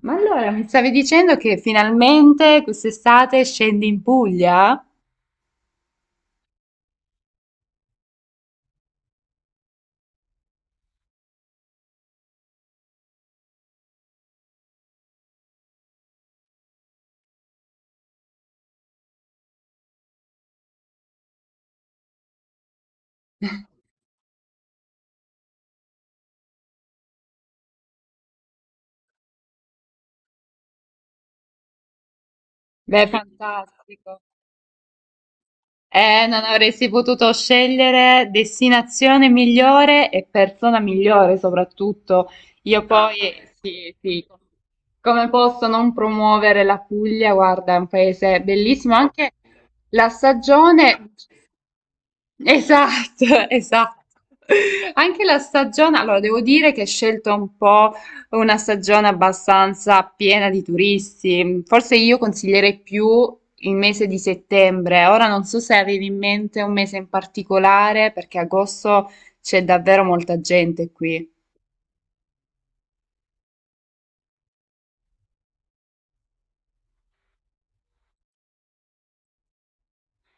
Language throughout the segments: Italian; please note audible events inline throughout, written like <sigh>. Ma allora mi stavi dicendo che finalmente quest'estate scendi in Puglia? Beh, fantastico. Non avresti potuto scegliere destinazione migliore e persona migliore soprattutto. Io poi, sì, sì, come posso non promuovere la Puglia? Guarda, è un paese bellissimo, anche la stagione. Esatto, <laughs> esatto. Anche la stagione, allora devo dire che è scelta un po' una stagione abbastanza piena di turisti. Forse io consiglierei più il mese di settembre. Ora non so se avevi in mente un mese in particolare, perché agosto c'è davvero molta gente qui.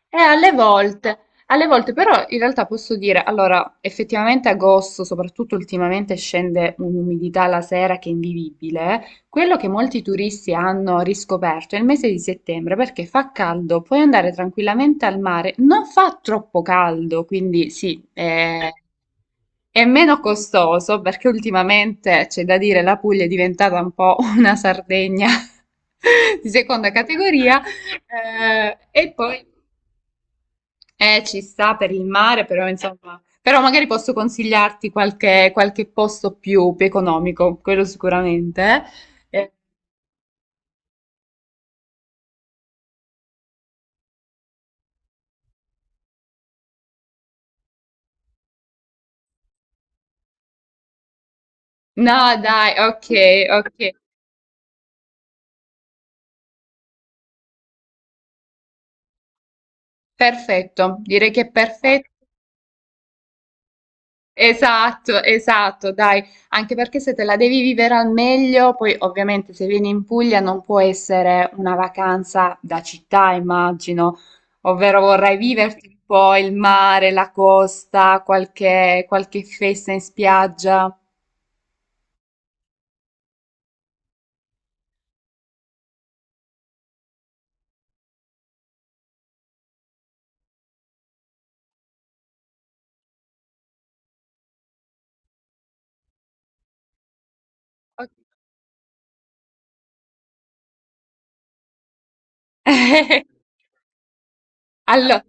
Eh, alle volte, alle volte però in realtà posso dire, allora, effettivamente agosto, soprattutto ultimamente, scende un'umidità la sera che è invivibile. Quello che molti turisti hanno riscoperto è il mese di settembre perché fa caldo, puoi andare tranquillamente al mare, non fa troppo caldo, quindi sì, è meno costoso perché ultimamente c'è da dire la Puglia è diventata un po' una Sardegna <laughs> di seconda categoria. E poi ci sta per il mare, però insomma, però magari posso consigliarti qualche, qualche posto più, più economico, quello sicuramente. Eh, no, dai, ok, ok, perfetto, direi che è perfetto. Esatto, esatto, dai, anche perché se te la devi vivere al meglio, poi ovviamente se vieni in Puglia non può essere una vacanza da città, immagino, ovvero vorrai viverti un po' il mare, la costa, qualche, qualche festa in spiaggia. <laughs> Ok. Allora.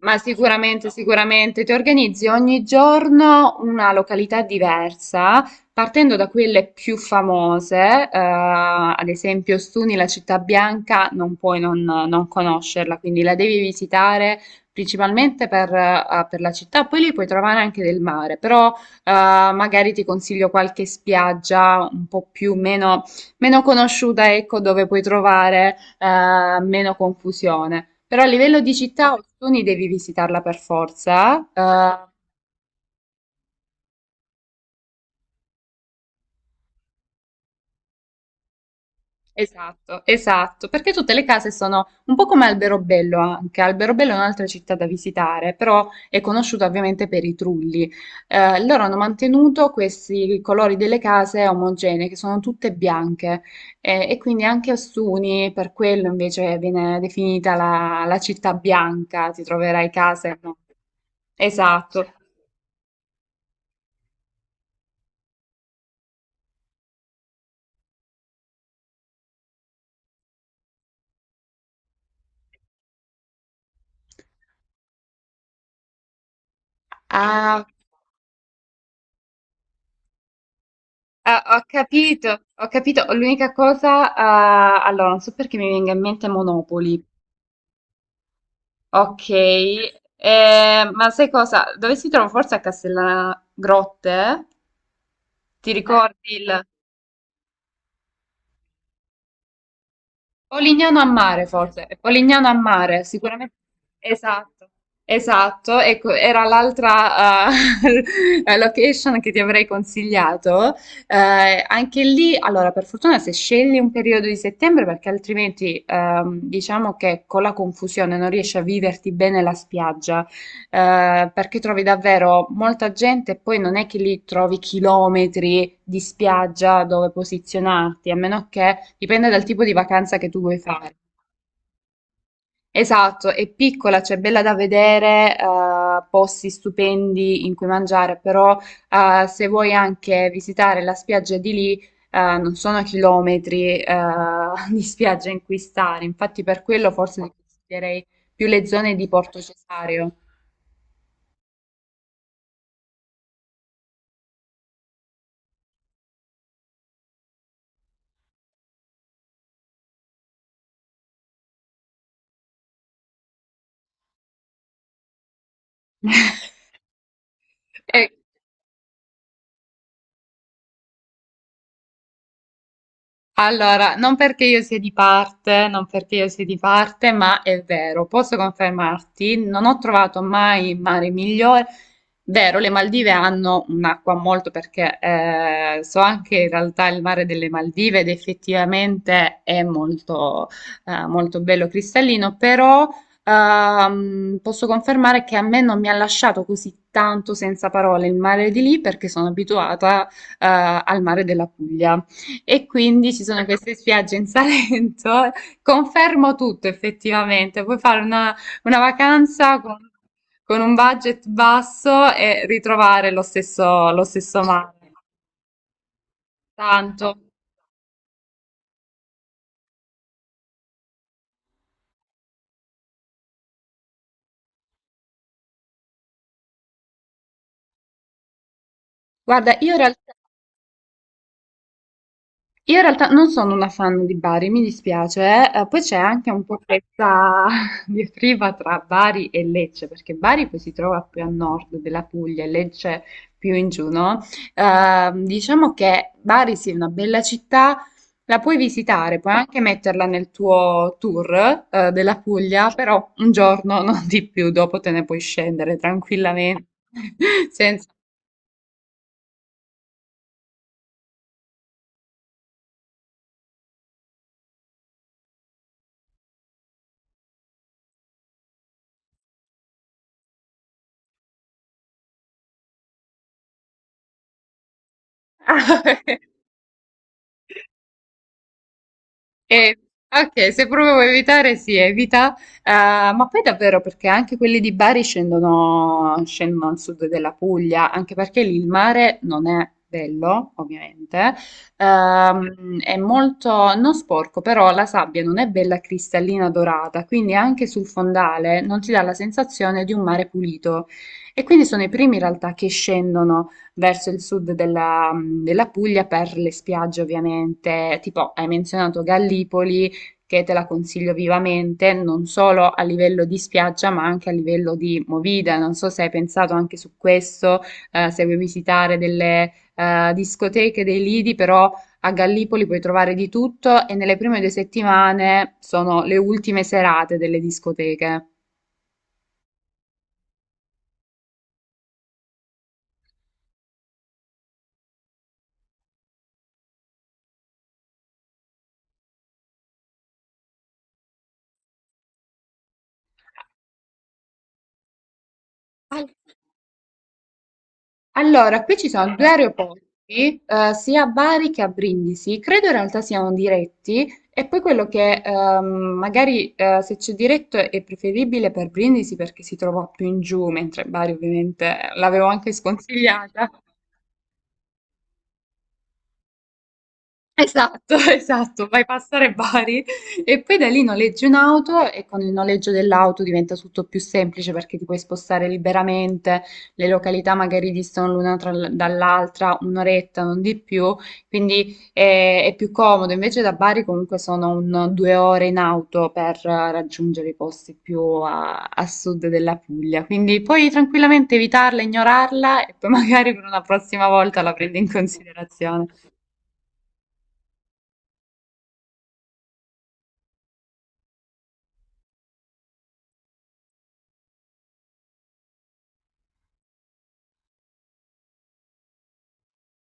Ma sicuramente, sicuramente ti organizzi ogni giorno una località diversa, partendo da quelle più famose, ad esempio Ostuni, la città bianca, non puoi non, non conoscerla, quindi la devi visitare principalmente per la città, poi lì puoi trovare anche del mare, però magari ti consiglio qualche spiaggia un po' più meno, meno conosciuta, ecco, dove puoi trovare meno confusione. Però a livello di città, Ostuni devi visitarla per forza. Esatto, esatto, perché tutte le case sono un po' come Alberobello anche. Alberobello è un'altra città da visitare, però è conosciuta ovviamente per i trulli. Loro hanno mantenuto questi colori delle case omogenee, che sono tutte bianche, e quindi anche Ostuni, per quello invece viene definita la, la città bianca, ti troverai case, no? Esatto. Ah, ah, ho capito, ho capito. L'unica cosa, ah, allora, non so perché mi venga in mente Monopoli. Ok, ma sai cosa? Dove si trova? Forse a Castellana Grotte? Ti ricordi il... Polignano a mare, forse. Polignano a mare, sicuramente. Esatto, esatto. Ecco, era l'altra <laughs> location che ti avrei consigliato. Anche lì, allora, per fortuna se scegli un periodo di settembre, perché altrimenti diciamo che con la confusione non riesci a viverti bene la spiaggia perché trovi davvero molta gente e poi non è che lì trovi chilometri di spiaggia dove posizionarti, a meno che dipende dal tipo di vacanza che tu vuoi fare. Esatto, è piccola, cioè bella da vedere, posti stupendi in cui mangiare, però se vuoi anche visitare la spiaggia di lì, non sono chilometri <laughs> di spiaggia in cui stare, infatti per quello forse consiglierei più le zone di Porto Cesareo. <laughs> Eh, allora, non perché io sia di parte, non perché io sia di parte, ma è vero, posso confermarti, non ho trovato mai mare migliore. Vero, le Maldive hanno un'acqua molto perché so anche in realtà il mare delle Maldive ed effettivamente è molto, molto bello cristallino, però posso confermare che a me non mi ha lasciato così tanto senza parole il mare di lì perché sono abituata eh, al mare della Puglia. E quindi ci sono queste spiagge in Salento. <laughs> Confermo tutto effettivamente. Puoi fare una vacanza con un budget basso e ritrovare lo stesso mare. Tanto. Guarda, io in realtà io in realtà non sono una fan di Bari, mi dispiace, eh. Poi c'è anche un po' questa <laughs> diatriba tra Bari e Lecce, perché Bari poi si trova più a nord della Puglia e Lecce più in giù, no? Diciamo che Bari sì, è una bella città, la puoi visitare, puoi anche metterla nel tuo tour, della Puglia, però un giorno, <laughs> non di più, dopo te ne puoi scendere tranquillamente, <laughs> senza... <laughs> Eh, ok, se proprio vuoi evitare, si evita. Ma poi davvero perché anche quelli di Bari scendono, scendono al sud della Puglia, anche perché lì il mare non è bello, ovviamente. È molto, non sporco, però la sabbia non è bella cristallina dorata, quindi anche sul fondale non ti dà la sensazione di un mare pulito. E quindi sono i primi in realtà che scendono verso il sud della, della Puglia per le spiagge ovviamente. Tipo, hai menzionato Gallipoli, che te la consiglio vivamente, non solo a livello di spiaggia, ma anche a livello di movida. Non so se hai pensato anche su questo, se vuoi visitare delle discoteche, dei lidi, però... A Gallipoli puoi trovare di tutto e nelle prime 2 settimane sono le ultime serate delle discoteche. Allora, qui ci sono 2 aeroporti, sia a Bari che a Brindisi. Credo in realtà siano diretti e poi quello che magari se c'è diretto è preferibile per Brindisi perché si trova più in giù, mentre Bari ovviamente l'avevo anche sconsigliata. Esatto, <laughs> esatto, vai passare Bari e poi da lì noleggi un'auto e con il noleggio dell'auto diventa tutto più semplice perché ti puoi spostare liberamente, le località magari distano l'una dall'altra un'oretta, non di più, quindi è, più comodo. Invece da Bari comunque sono un, 2 ore in auto per raggiungere i posti più a, a sud della Puglia, quindi puoi tranquillamente evitarla, ignorarla e poi <laughs> magari per una prossima volta la prendi in considerazione.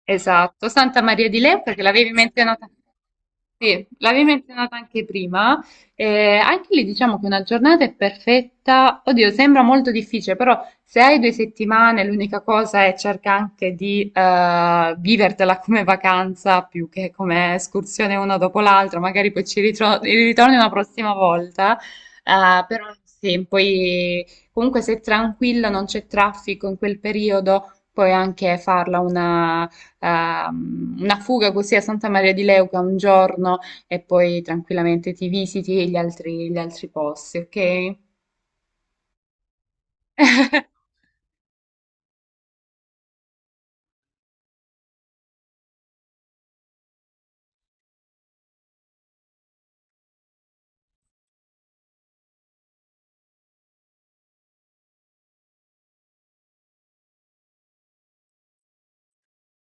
Esatto, Santa Maria di Leu perché l'avevi menzionata, sì, l'avevi menzionata anche prima. Anche lì diciamo che una giornata è perfetta. Oddio, sembra molto difficile, però se hai 2 settimane, l'unica cosa è cerca anche di vivertela come vacanza più che come escursione una dopo l'altra. Magari poi ci ritorni una prossima volta. Però sì, poi comunque se è tranquilla, non c'è traffico in quel periodo puoi anche farla una fuga così a Santa Maria di Leuca un giorno e poi tranquillamente ti visiti gli altri posti, ok? <laughs>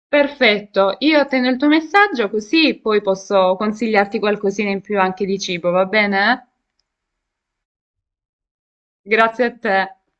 Perfetto, io attendo il tuo messaggio così poi posso consigliarti qualcosina in più anche di cibo, va bene? Grazie a te.